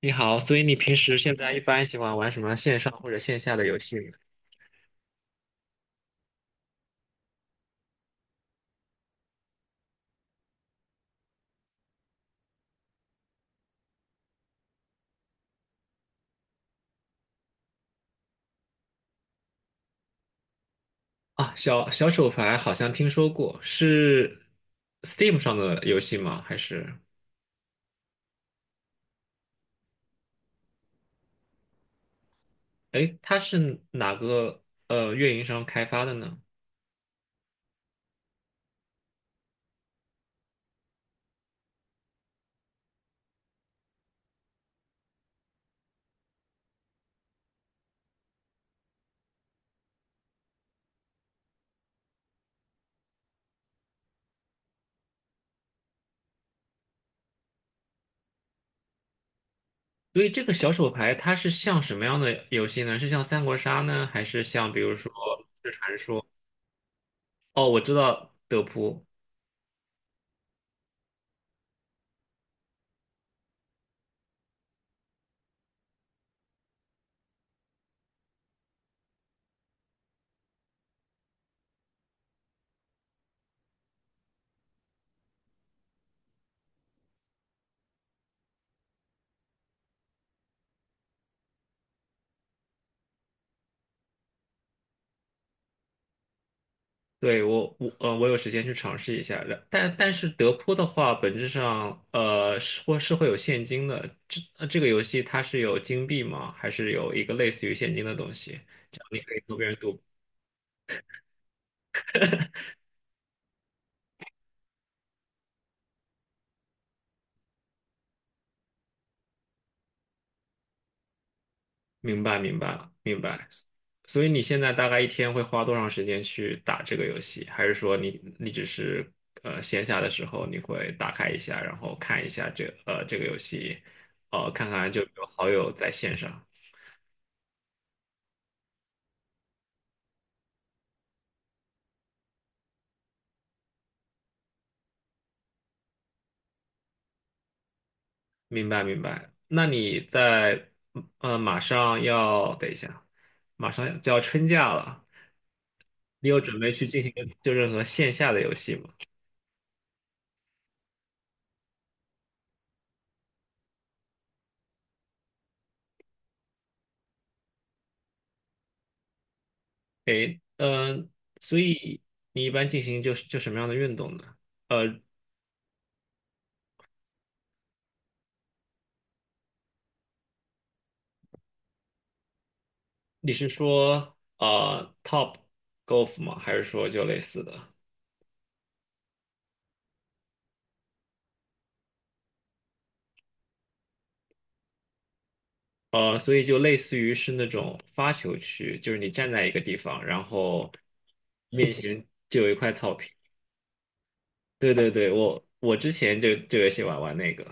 你好，所以你平时现在一般喜欢玩什么线上或者线下的游戏呢？啊，小手牌好像听说过，是 Steam 上的游戏吗？还是，哎，它是哪个运营商开发的呢？所以这个小手牌它是像什么样的游戏呢？是像三国杀呢，还是像比如说是传说？哦，我知道德扑。对，我有时间去尝试一下，但是德扑的话，本质上是会有现金的。这个游戏它是有金币吗？还是有一个类似于现金的东西？这样你可以和别人赌。明白，明白，明白。所以你现在大概一天会花多长时间去打这个游戏？还是说你只是闲暇的时候你会打开一下，然后看一下这个游戏，看看就有好友在线上。明白明白。那你在马上要等一下，马上就要春假了，你有准备去进行就任何线下的游戏吗？诶，所以你一般进行就是什么样的运动呢？呃，你是说top golf 吗？还是说就类似的？所以就类似于是那种发球区，就是你站在一个地方，然后面前就有一块草坪。对对对，我之前就有喜欢玩那个，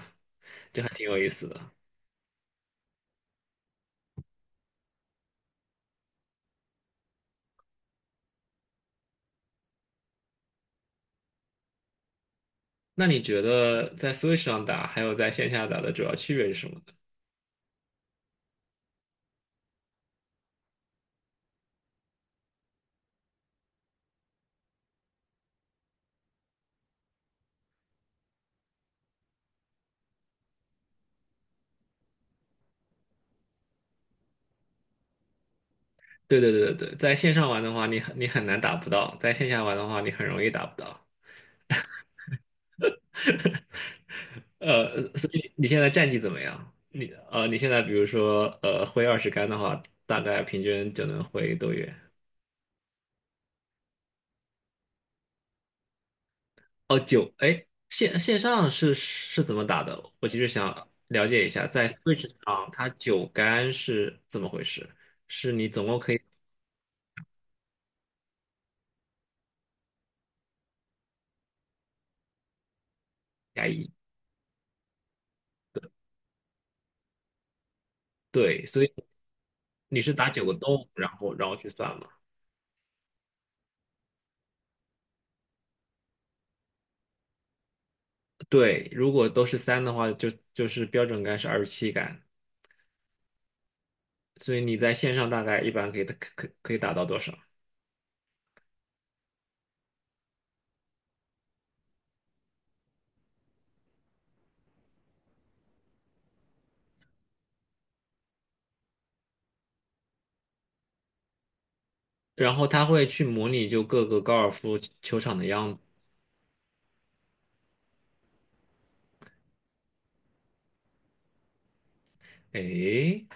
就还挺有意思的。那你觉得在 Switch 上打还有在线下打的主要区别是什么呢？对对对对对，在线上玩的话，你很难打不到；在线下玩的话，你很容易打不到。所以你现在战绩怎么样？你现在比如说挥20杆的话，大概平均就能挥多远？哦，九，哎，线上是怎么打的？我其实想了解一下，在 Switch 上它9杆是怎么回事？是你总共可以加一，对，所以你是打九个洞，然后去算嘛？对，如果都是三的话，就是标准杆是27杆，所以你在线上大概一般可以可以打到多少？然后它会去模拟就各个高尔夫球场的样子。哎，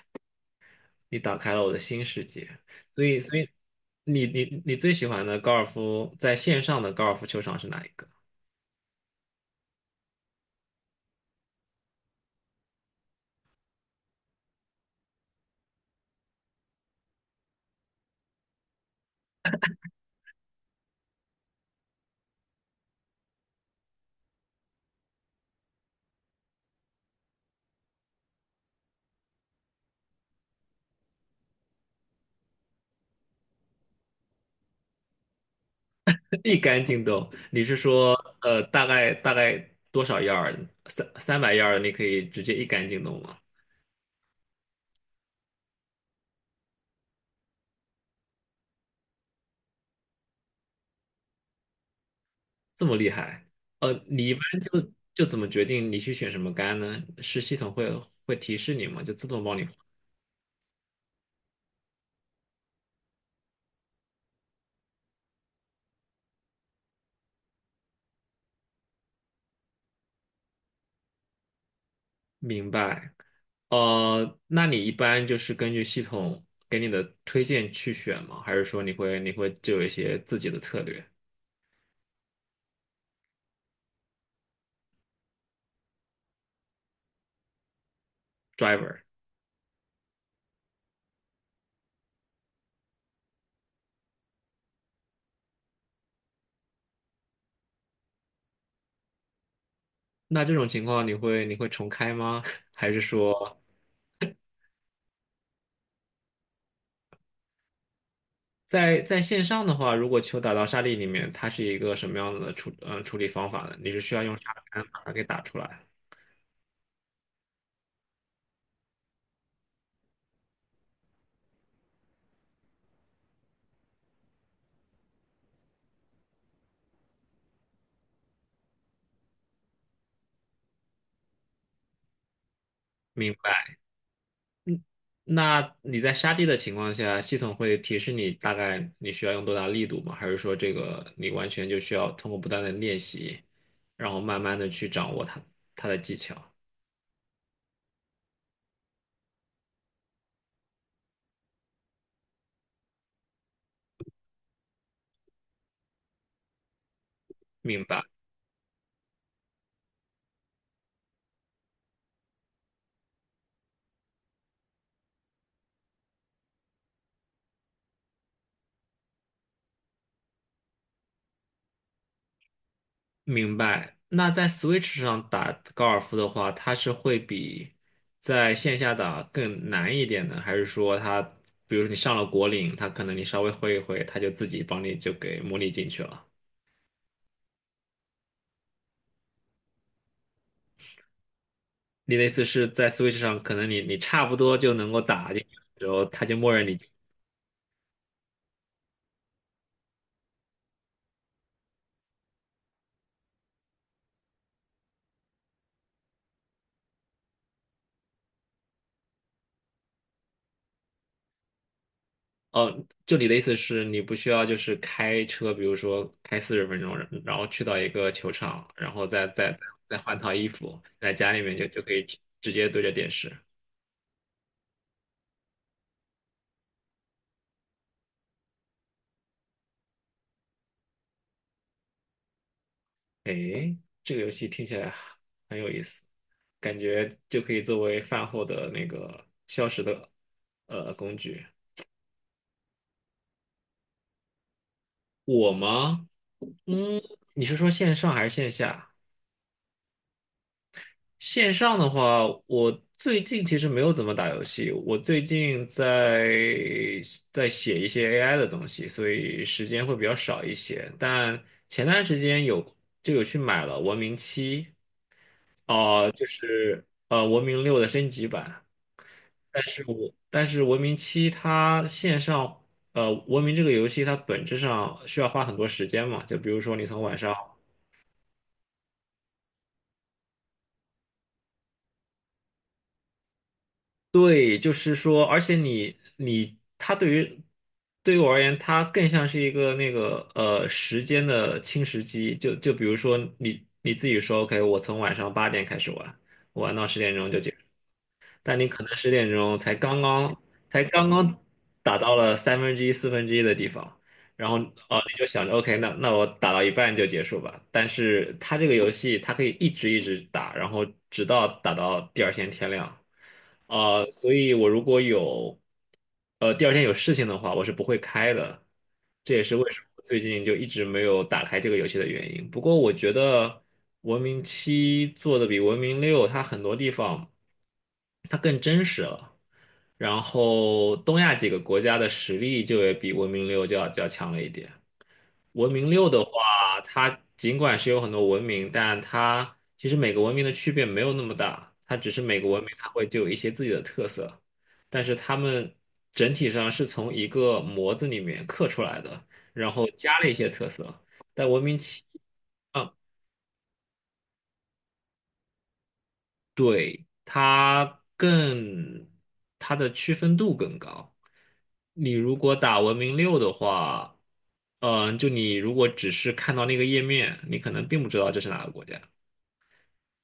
你打开了我的新世界。所以你最喜欢的高尔夫在线上的高尔夫球场是哪一个？一杆进洞，你是说大概多少 yard 三百 yard 你可以直接一杆进洞吗？这么厉害？你一般就怎么决定你去选什么杆呢？是系统会提示你吗？就自动帮你。明白。那你一般就是根据系统给你的推荐去选吗？还是说你会就有一些自己的策略，driver？那这种情况你会重开吗？还是说在线上的话，如果球打到沙粒里面，它是一个什么样的处理方法呢？你是需要用沙盘把它给打出来？明白。那你在沙地的情况下，系统会提示你大概你需要用多大力度吗？还是说这个你完全就需要通过不断的练习，然后慢慢的去掌握它的技巧？明白，明白。那在 Switch 上打高尔夫的话，它是会比在线下打更难一点呢？还是说它，比如说你上了果岭，它可能你稍微挥一挥，它就自己帮你就给模拟进去了？你的意思是在 Switch 上，可能你差不多就能够打进去，然后他就默认你进。哦，就你的意思是你不需要就是开车，比如说开40分钟，然后去到一个球场，然后再换套衣服，在家里面就可以直接对着电视。诶，这个游戏听起来很有意思，感觉就可以作为饭后的那个消食的工具。我吗？嗯，你是说线上还是线下？线上的话，我最近其实没有怎么打游戏，我最近在写一些 AI 的东西，所以时间会比较少一些。但前段时间就有去买了《文明七》，啊，就是《文明六》的升级版。但是《文明七》它线上《文明》这个游戏它本质上需要花很多时间嘛，就比如说你从晚上。对，就是说，而且你它对于我而言，它更像是一个那个时间的侵蚀机。就比如说你自己说，OK，我从晚上8点开始玩，玩到十点钟就结。但你可能十点钟才刚刚打到了三分之一、四分之一的地方，然后哦，你就想着 OK，那我打到一半就结束吧。但是它这个游戏它可以一直一直打，然后直到打到第二天天亮。所以我如果第二天有事情的话，我是不会开的。这也是为什么我最近就一直没有打开这个游戏的原因。不过我觉得《文明七》做的比《文明六》它很多地方。它更真实了。然后东亚几个国家的实力就也比文明六就要强了一点。文明六的话，它尽管是有很多文明，但它其实每个文明的区别没有那么大，它只是每个文明它会就有一些自己的特色，但是它们整体上是从一个模子里面刻出来的，然后加了一些特色。但文明七，嗯对，它更，它的区分度更高。你如果打文明六的话，就你如果只是看到那个页面，你可能并不知道这是哪个国家。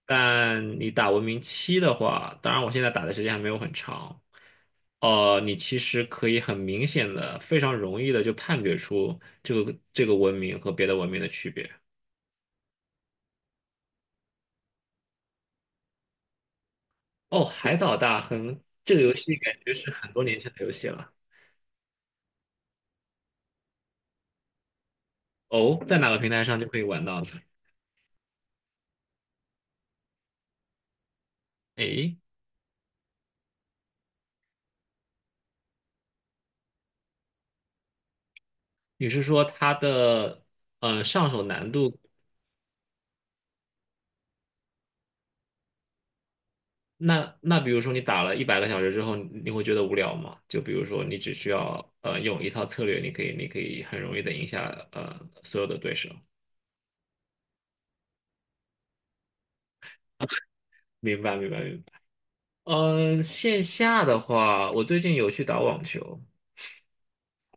但你打文明七的话，当然我现在打的时间还没有很长，你其实可以很明显的、非常容易的就判别出这个文明和别的文明的区别。哦，海岛大亨这个游戏感觉是很多年前的游戏了。哦，在哪个平台上就可以玩到呢？诶，你是说它的上手难度？那比如说你打了100个小时之后，你会觉得无聊吗？就比如说你只需要用一套策略，你可以很容易的赢下所有的对手。明白明白明白。线下的话，我最近有去打网球，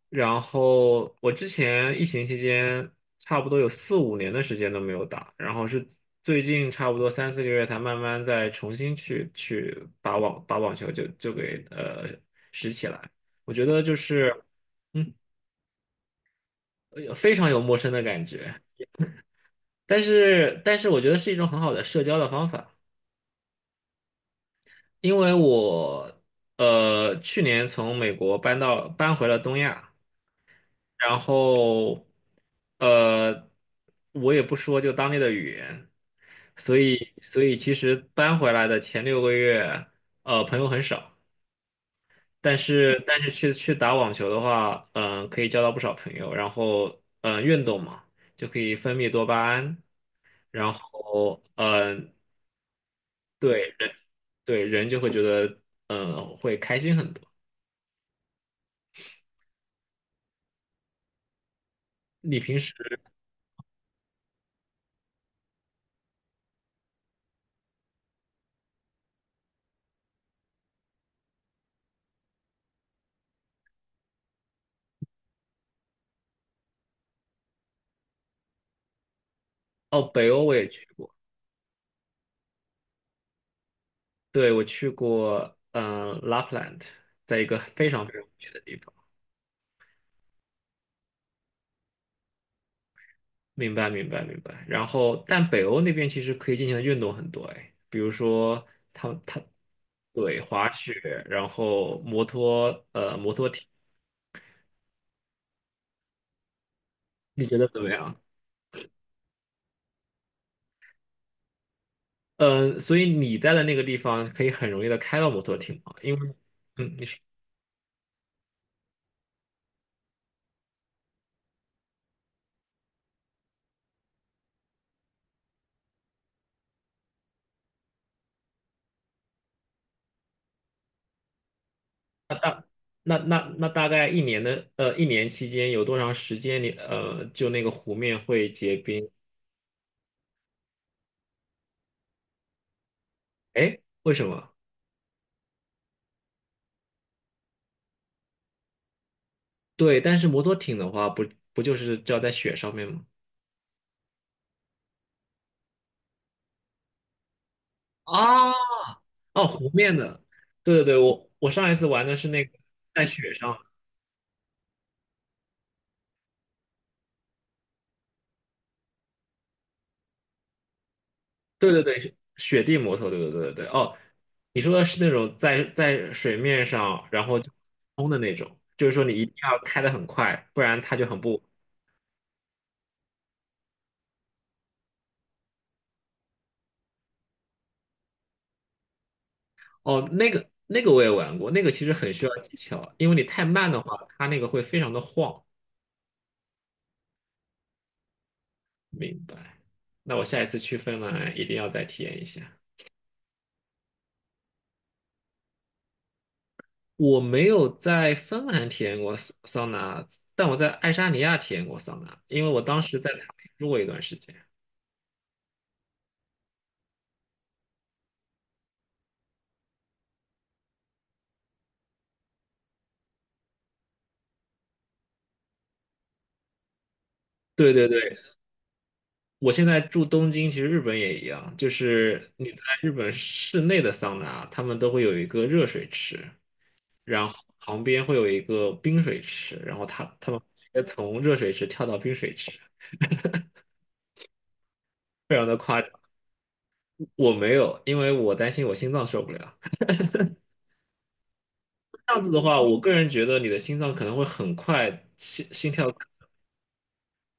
然后我之前疫情期间差不多有四五年的时间都没有打，然后是最近差不多三四个月才慢慢再重新去打网球就给拾起来。我觉得就是嗯非常有陌生的感觉，但是我觉得是一种很好的社交的方法，因为我去年从美国搬回了东亚。然后呃，我也不说就当地的语言，所以其实搬回来的前6个月，朋友很少，但是去打网球的话，可以交到不少朋友，然后运动嘛，就可以分泌多巴胺，然后对对，人就会觉得会开心很多。你平时。哦，北欧我也去过。对，我去过，Lapland，在一个非常非常美的地方。明白，明白，明白。然后，但北欧那边其实可以进行的运动很多，哎，比如说他他对滑雪，然后摩托艇，你觉得怎么样？嗯、所以你在的那个地方可以很容易的开到摩托艇吗？因为，你说那大概一年期间有多长时间你就那个湖面会结冰？哎，为什么？对，但是摩托艇的话，不就是只要在雪上面吗？啊，哦，湖面的，对对对，我上一次玩的是那个在雪上的对对对，是雪地摩托，对对对对对，哦，你说的是那种在水面上然后就冲的那种，就是说你一定要开得很快，不然它就很不，哦，那个我也玩过，那个其实很需要技巧，因为你太慢的话，它那个会非常的晃。明白，那我下一次去芬兰一定要再体验一下。我没有在芬兰体验过桑拿，但我在爱沙尼亚体验过桑拿，因为我当时在塔林住过一段时间。对对对，我现在住东京，其实日本也一样，就是你在日本室内的桑拿，他们都会有一个热水池，然后旁边会有一个冰水池，然后他们直接从热水池跳到冰水池，非常的夸张。我没有，因为我担心我心脏受不了。这样子的话，我个人觉得你的心脏可能会很快心跳。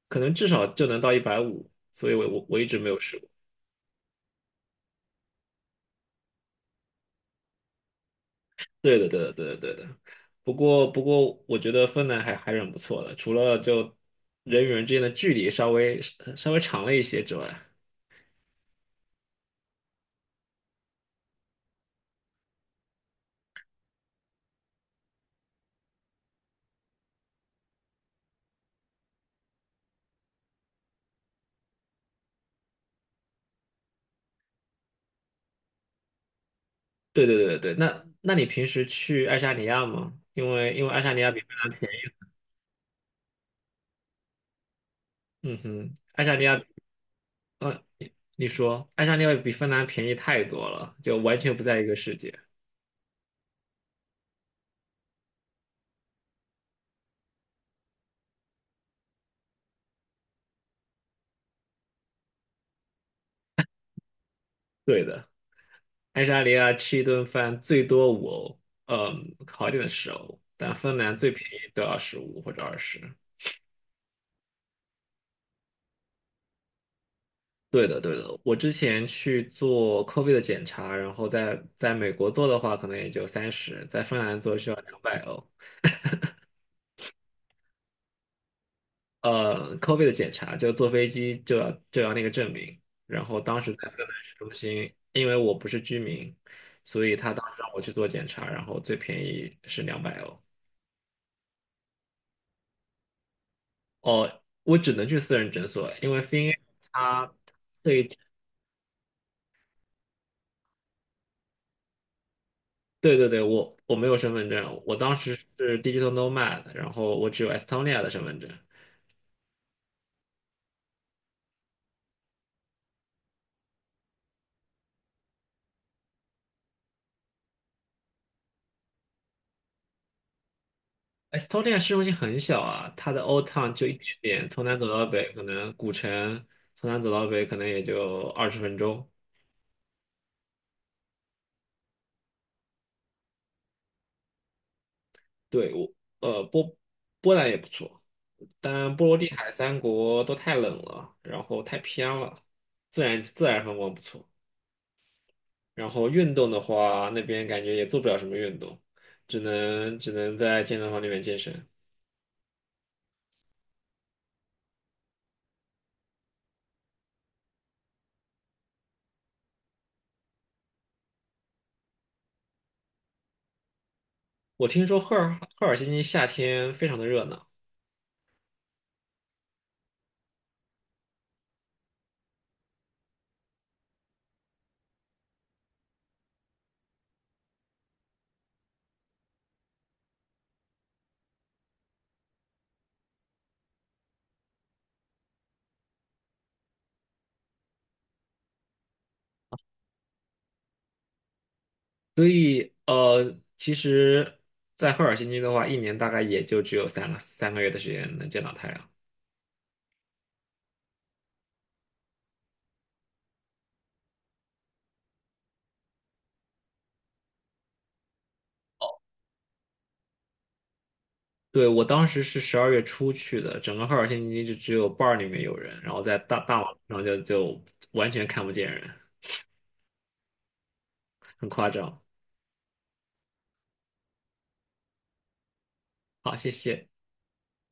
可能至少就能到150，所以我一直没有试过。对的，对的，对的，对的。不过，我觉得芬兰还是很不错的，除了就人与人之间的距离稍微长了一些之外。对对对对，那你平时去爱沙尼亚吗？因为爱沙尼亚比芬兰便宜，嗯哼，爱沙尼亚，呃，你说爱沙尼亚比芬兰便宜太多了，就完全不在一个世界。对的。爱沙尼亚吃一顿饭最多5欧，嗯，好一点的10欧，但芬兰最便宜都要15或者二十。对的，对的。我之前去做 COVID 的检查，然后在美国做的话，可能也就30，在芬兰做需要两百欧。COVID 的检查就坐飞机就要那个证明，然后当时在芬兰市中心，因为我不是居民，所以他当时让我去做检查，然后最便宜是两百欧。哦，我只能去私人诊所，因为 FinA 它对对对对，我没有身份证，我当时是 digital nomad，然后我只有 Estonia 的身份证。Estonia 市中心很小啊，它的 old town 就一点点，从南走到北，可能古城从南走到北可能也就20分钟。对，我呃波波兰也不错，但波罗的海三国都太冷了，然后太偏了，自然风光不错。然后运动的话，那边感觉也做不了什么运动，只能在健身房里面健身。我听说赫尔辛基夏天非常的热闹，所以其实，在赫尔辛基的话，一年大概也就只有三个月的时间能见到太阳。对，我当时是12月初去的，整个赫尔辛基就只有 bar 里面有人，然后在大马路上就完全看不见人，很夸张。好，谢谢。